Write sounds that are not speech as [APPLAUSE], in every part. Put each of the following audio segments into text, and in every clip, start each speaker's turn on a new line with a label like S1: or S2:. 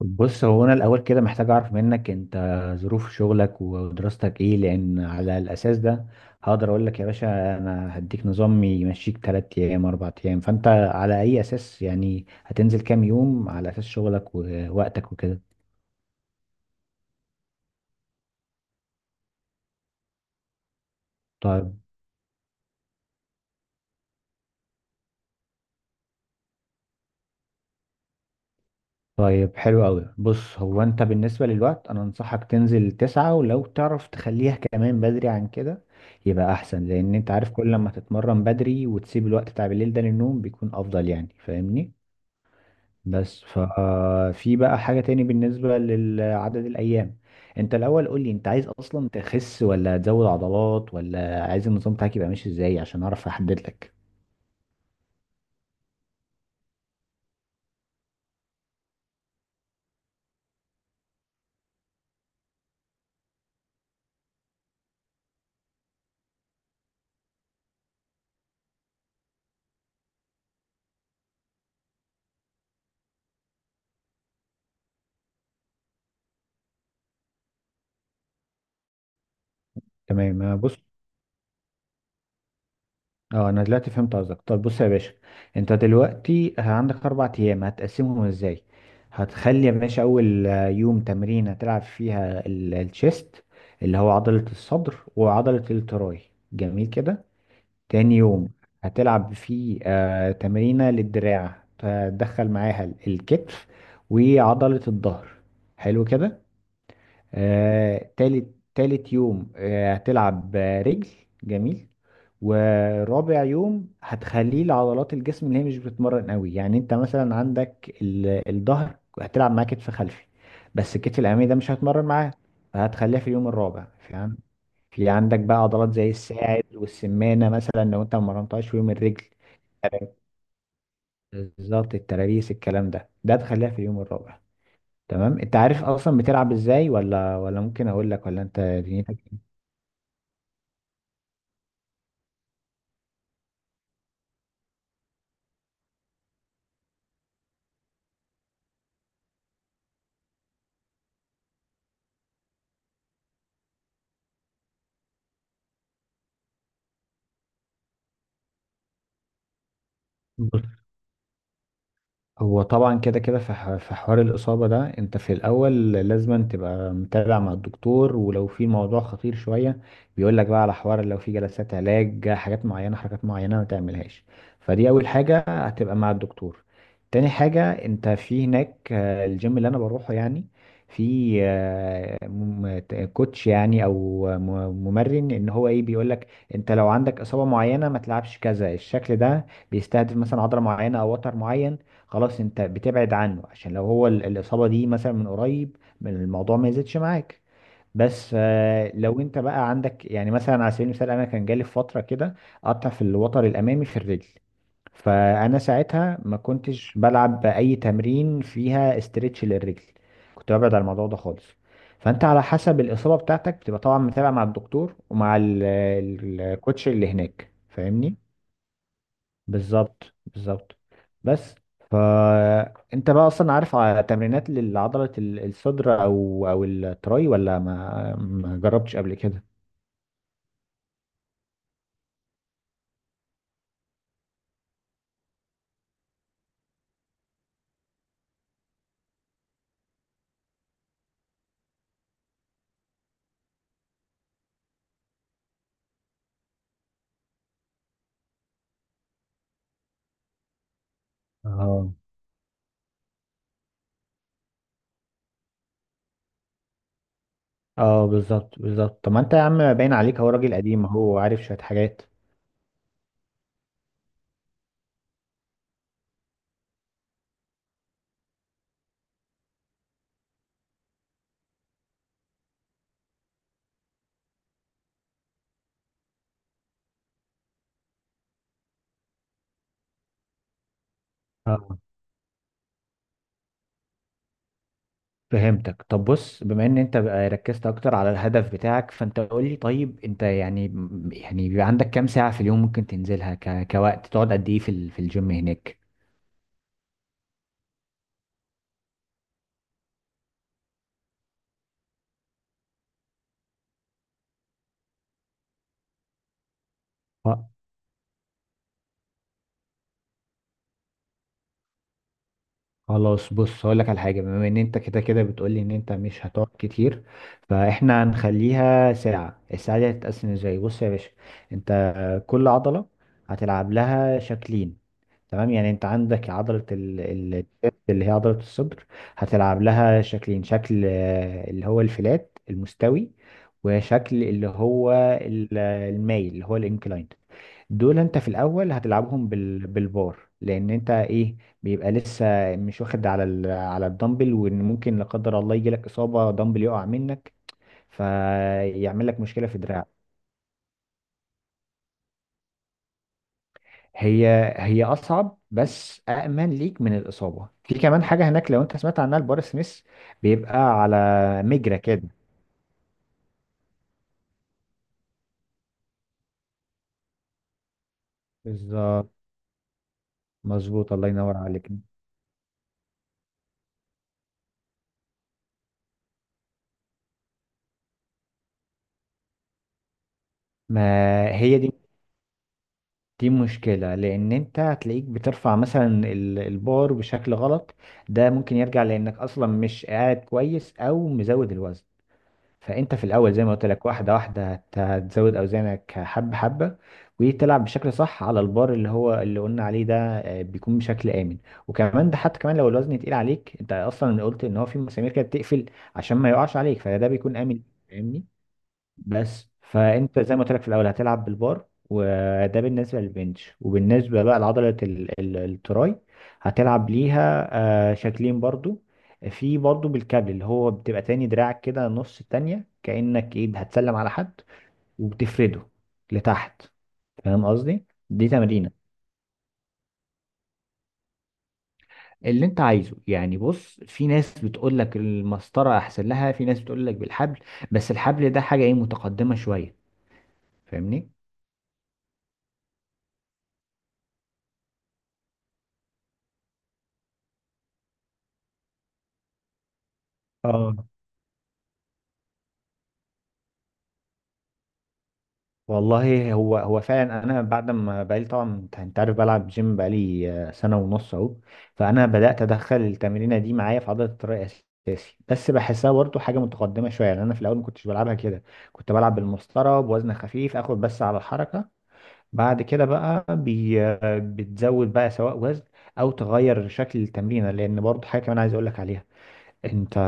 S1: بص، هو انا الاول كده محتاج اعرف منك انت ظروف شغلك ودراستك ايه، لان على الاساس ده هقدر اقول لك يا باشا انا هديك نظام يمشيك 3 ايام 4 ايام. فانت على اي اساس يعني هتنزل كام يوم على اساس شغلك ووقتك وكده؟ طيب طيب، حلو قوي. بص، هو انت بالنسبة للوقت انا انصحك تنزل تسعة، ولو تعرف تخليها [LAUGHS] كمان بدري عن كده يبقى احسن. لان انت عارف كل لما تتمرن بدري وتسيب الوقت بتاع بالليل ده للنوم بيكون افضل، يعني فاهمني؟ بس ففي بقى حاجة تاني بالنسبة لعدد الأيام. أنت الأول قول لي، أنت عايز أصلا تخس ولا تزود عضلات، ولا عايز النظام بتاعك يبقى ماشي إزاي، عشان أعرف أحدد لك. تمام، أنا بص، أنا دلوقتي فهمت قصدك. طب بص يا باشا، أنت دلوقتي عندك أربع أيام هتقسمهم إزاي؟ هتخلي يا باشا أول يوم تمرين هتلعب فيها الشيست اللي هو عضلة الصدر وعضلة التراي. جميل كده. تاني يوم هتلعب فيه تمرينة للدراع، تدخل معاها الكتف وعضلة الظهر. حلو كده. تالت يوم هتلعب، رجل. جميل. ورابع يوم هتخليه لعضلات الجسم اللي هي مش بتتمرن قوي، يعني انت مثلا عندك الظهر هتلعب معاه كتف خلفي، بس الكتف الامامي ده مش هتمرن معاه، فهتخليها في اليوم الرابع، فهمت؟ في عندك بقى عضلات زي الساعد والسمانة مثلا لو انت ما مرنتهاش في يوم الرجل، بالظبط، الترابيس الكلام ده تخليها في اليوم الرابع. تمام، انت عارف اصلا بتلعب ازاي ولا ممكن اقول لك، ولا انت دنيتك؟ إيه؟ هو طبعا كده كده في في حوار الإصابة ده. انت في الأول لازم أن تبقى متابع مع الدكتور، ولو في موضوع خطير شوية بيقولك بقى على حوار، لو في جلسات علاج، حاجات معينة حركات معينة ما تعملهاش. فدي أول حاجة، هتبقى مع الدكتور. تاني حاجة، انت في هناك، الجيم اللي أنا بروحه يعني، في كوتش يعني أو ممرن، إن هو إيه بيقولك. أنت لو عندك إصابة معينة ما تلعبش كذا، الشكل ده بيستهدف مثلا عضلة معينة أو وتر معين، خلاص انت بتبعد عنه، عشان لو هو الاصابه دي مثلا من قريب من الموضوع ما يزيدش معاك. بس لو انت بقى عندك يعني مثلا على سبيل المثال، انا كان جالي في فتره كده قطع في الوتر الامامي في الرجل. فانا ساعتها ما كنتش بلعب اي تمرين فيها استرتش للرجل، كنت ببعد عن الموضوع ده خالص. فانت على حسب الاصابه بتاعتك بتبقى طبعا متابع مع الدكتور ومع الكوتش اللي هناك، فاهمني؟ بالظبط بالظبط. بس، فانت بقى اصلا عارف تمرينات لعضلة الصدر او التراي، ولا ما جربتش قبل كده؟ اه اه، بالظبط بالظبط. طب ما انت يا عم باين عليك هو راجل قديم، هو عارف شوية حاجات. اه، فهمتك. طب بص، بما ان انت بقى ركزت اكتر على الهدف بتاعك، فانت قول لي طيب، انت يعني، بيبقى عندك كام ساعة في اليوم ممكن تنزلها، كوقت تقعد قد ايه في في الجيم هناك؟ خلاص، بص هقول لك على حاجه، بما ان انت كده كده بتقولي ان انت مش هتقعد كتير، فاحنا هنخليها ساعه. الساعه دي هتتقسم ازاي؟ بص يا باشا، انت كل عضله هتلعب لها شكلين. تمام، يعني انت عندك عضلة الشيست اللي هي عضلة الصدر، هتلعب لها شكلين. شكل اللي هو الفلات المستوي، وشكل اللي هو المايل اللي هو الانكلايند. دول انت في الاول هتلعبهم بالبار، لان انت ايه، بيبقى لسه مش واخد على على الدمبل، وان ممكن لا قدر الله يجي لك اصابة، دمبل يقع منك فيعمل لك مشكلة في دراعك. هي هي اصعب بس امن ليك من الاصابه. في كمان حاجه هناك لو انت سمعت عنها، البار سميث، بيبقى على مجرى كده. بالظبط، مظبوط، الله ينور عليك. ما هي دي، دي مشكله لان انت هتلاقيك بترفع مثلا البار بشكل غلط، ده ممكن يرجع لانك اصلا مش قاعد كويس او مزود الوزن. فانت في الاول زي ما قلت لك واحده واحده هتزود اوزانك حبه حبه، وتلعب بشكل صح على البار اللي هو اللي قلنا عليه ده، بيكون بشكل امن. وكمان ده حتى كمان لو الوزن تقيل عليك، انت اصلا قلت ان هو في مسامير كده بتقفل عشان ما يقعش عليك، فده بيكون امن، فاهمني؟ بس، فانت زي ما قلت لك في الاول هتلعب بالبار، وده بالنسبه للبنش. وبالنسبه بقى لعضله التراي هتلعب ليها شكلين برضو. في برضو بالكابل اللي هو بتبقى تاني دراعك كده نص التانية كأنك ايه هتسلم على حد، وبتفرده لتحت، فاهم قصدي؟ دي تمرينة اللي انت عايزه يعني. بص، في ناس بتقول لك المسطرة احسن لها، في ناس بتقول لك بالحبل، بس الحبل ده حاجة ايه متقدمة شوية، فاهمني؟ اه، والله هو فعلا. انا بعد ما بقالي طبعا، انت عارف بلعب جيم بقالي سنه ونص اهو، فانا بدات ادخل التمرينه دي معايا في عضله التراي اساسي. بس بحسها برضه حاجه متقدمه شويه يعني. انا في الاول ما كنتش بلعبها كده، كنت بلعب بالمسطره بوزن خفيف اخد بس على الحركه. بعد كده بقى بي آه، بتزود بقى سواء وزن او تغير شكل التمرينه. لان برضه حاجه كمان عايز اقول لك عليها، انت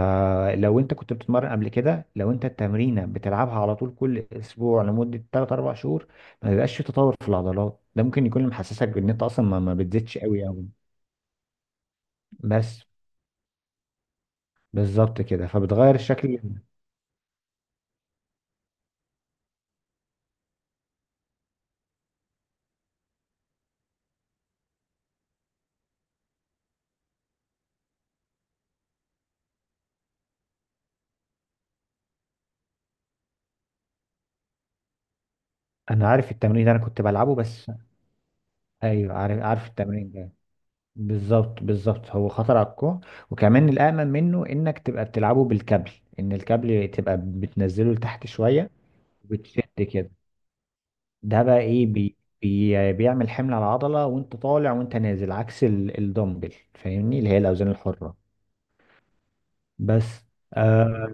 S1: لو انت كنت بتتمرن قبل كده، لو انت التمرينه بتلعبها على طول كل اسبوع لمده 3 4 شهور ما بيبقاش في تطور في العضلات. ده ممكن يكون اللي محسسك بان انت اصلا ما بتزيدش قوي قوي. بس، بالظبط كده، فبتغير الشكل. انا عارف التمرين ده، انا كنت بلعبه بس. ايوه، عارف التمرين ده، بالظبط بالظبط، هو خطر على الكوع. وكمان الامن منه انك تبقى بتلعبه بالكابل، ان الكابل تبقى بتنزله لتحت شويه وبتشد كده. ده بقى ايه، بي بي بيعمل حمل على العضلة، وانت طالع وانت نازل، عكس الدمبل، فاهمني؟ اللي هي الاوزان الحرة. بس آه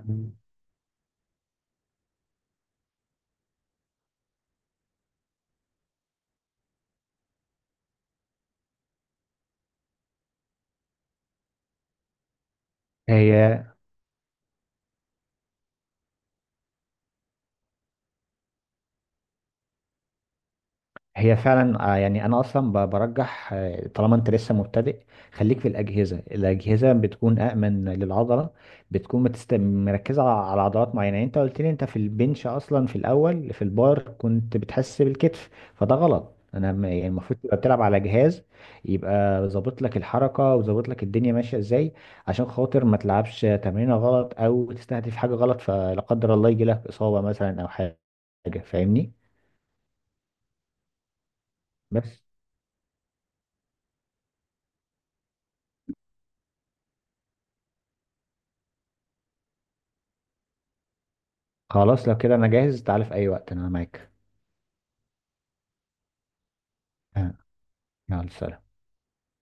S1: تمام. هي فعلا، يعني انا اصلا برجح طالما انت لسه مبتدئ، خليك في الاجهزه. الاجهزه بتكون امن للعضله، بتكون مركزه على عضلات معينه. يعني انت قلت لي انت في البنش اصلا في الاول في البار كنت بتحس بالكتف، فده غلط. انا يعني المفروض تبقى بتلعب على جهاز يبقى ظابط لك الحركه وظابط لك الدنيا ماشيه ازاي، عشان خاطر ما تلعبش تمرينه غلط او تستهدف حاجه غلط فلا قدر الله يجي لك اصابه مثلا او حاجه، فاهمني؟ بس، خلاص لو كده انا جاهز، تعال في اي وقت انا معاك. آه، يلا سلام.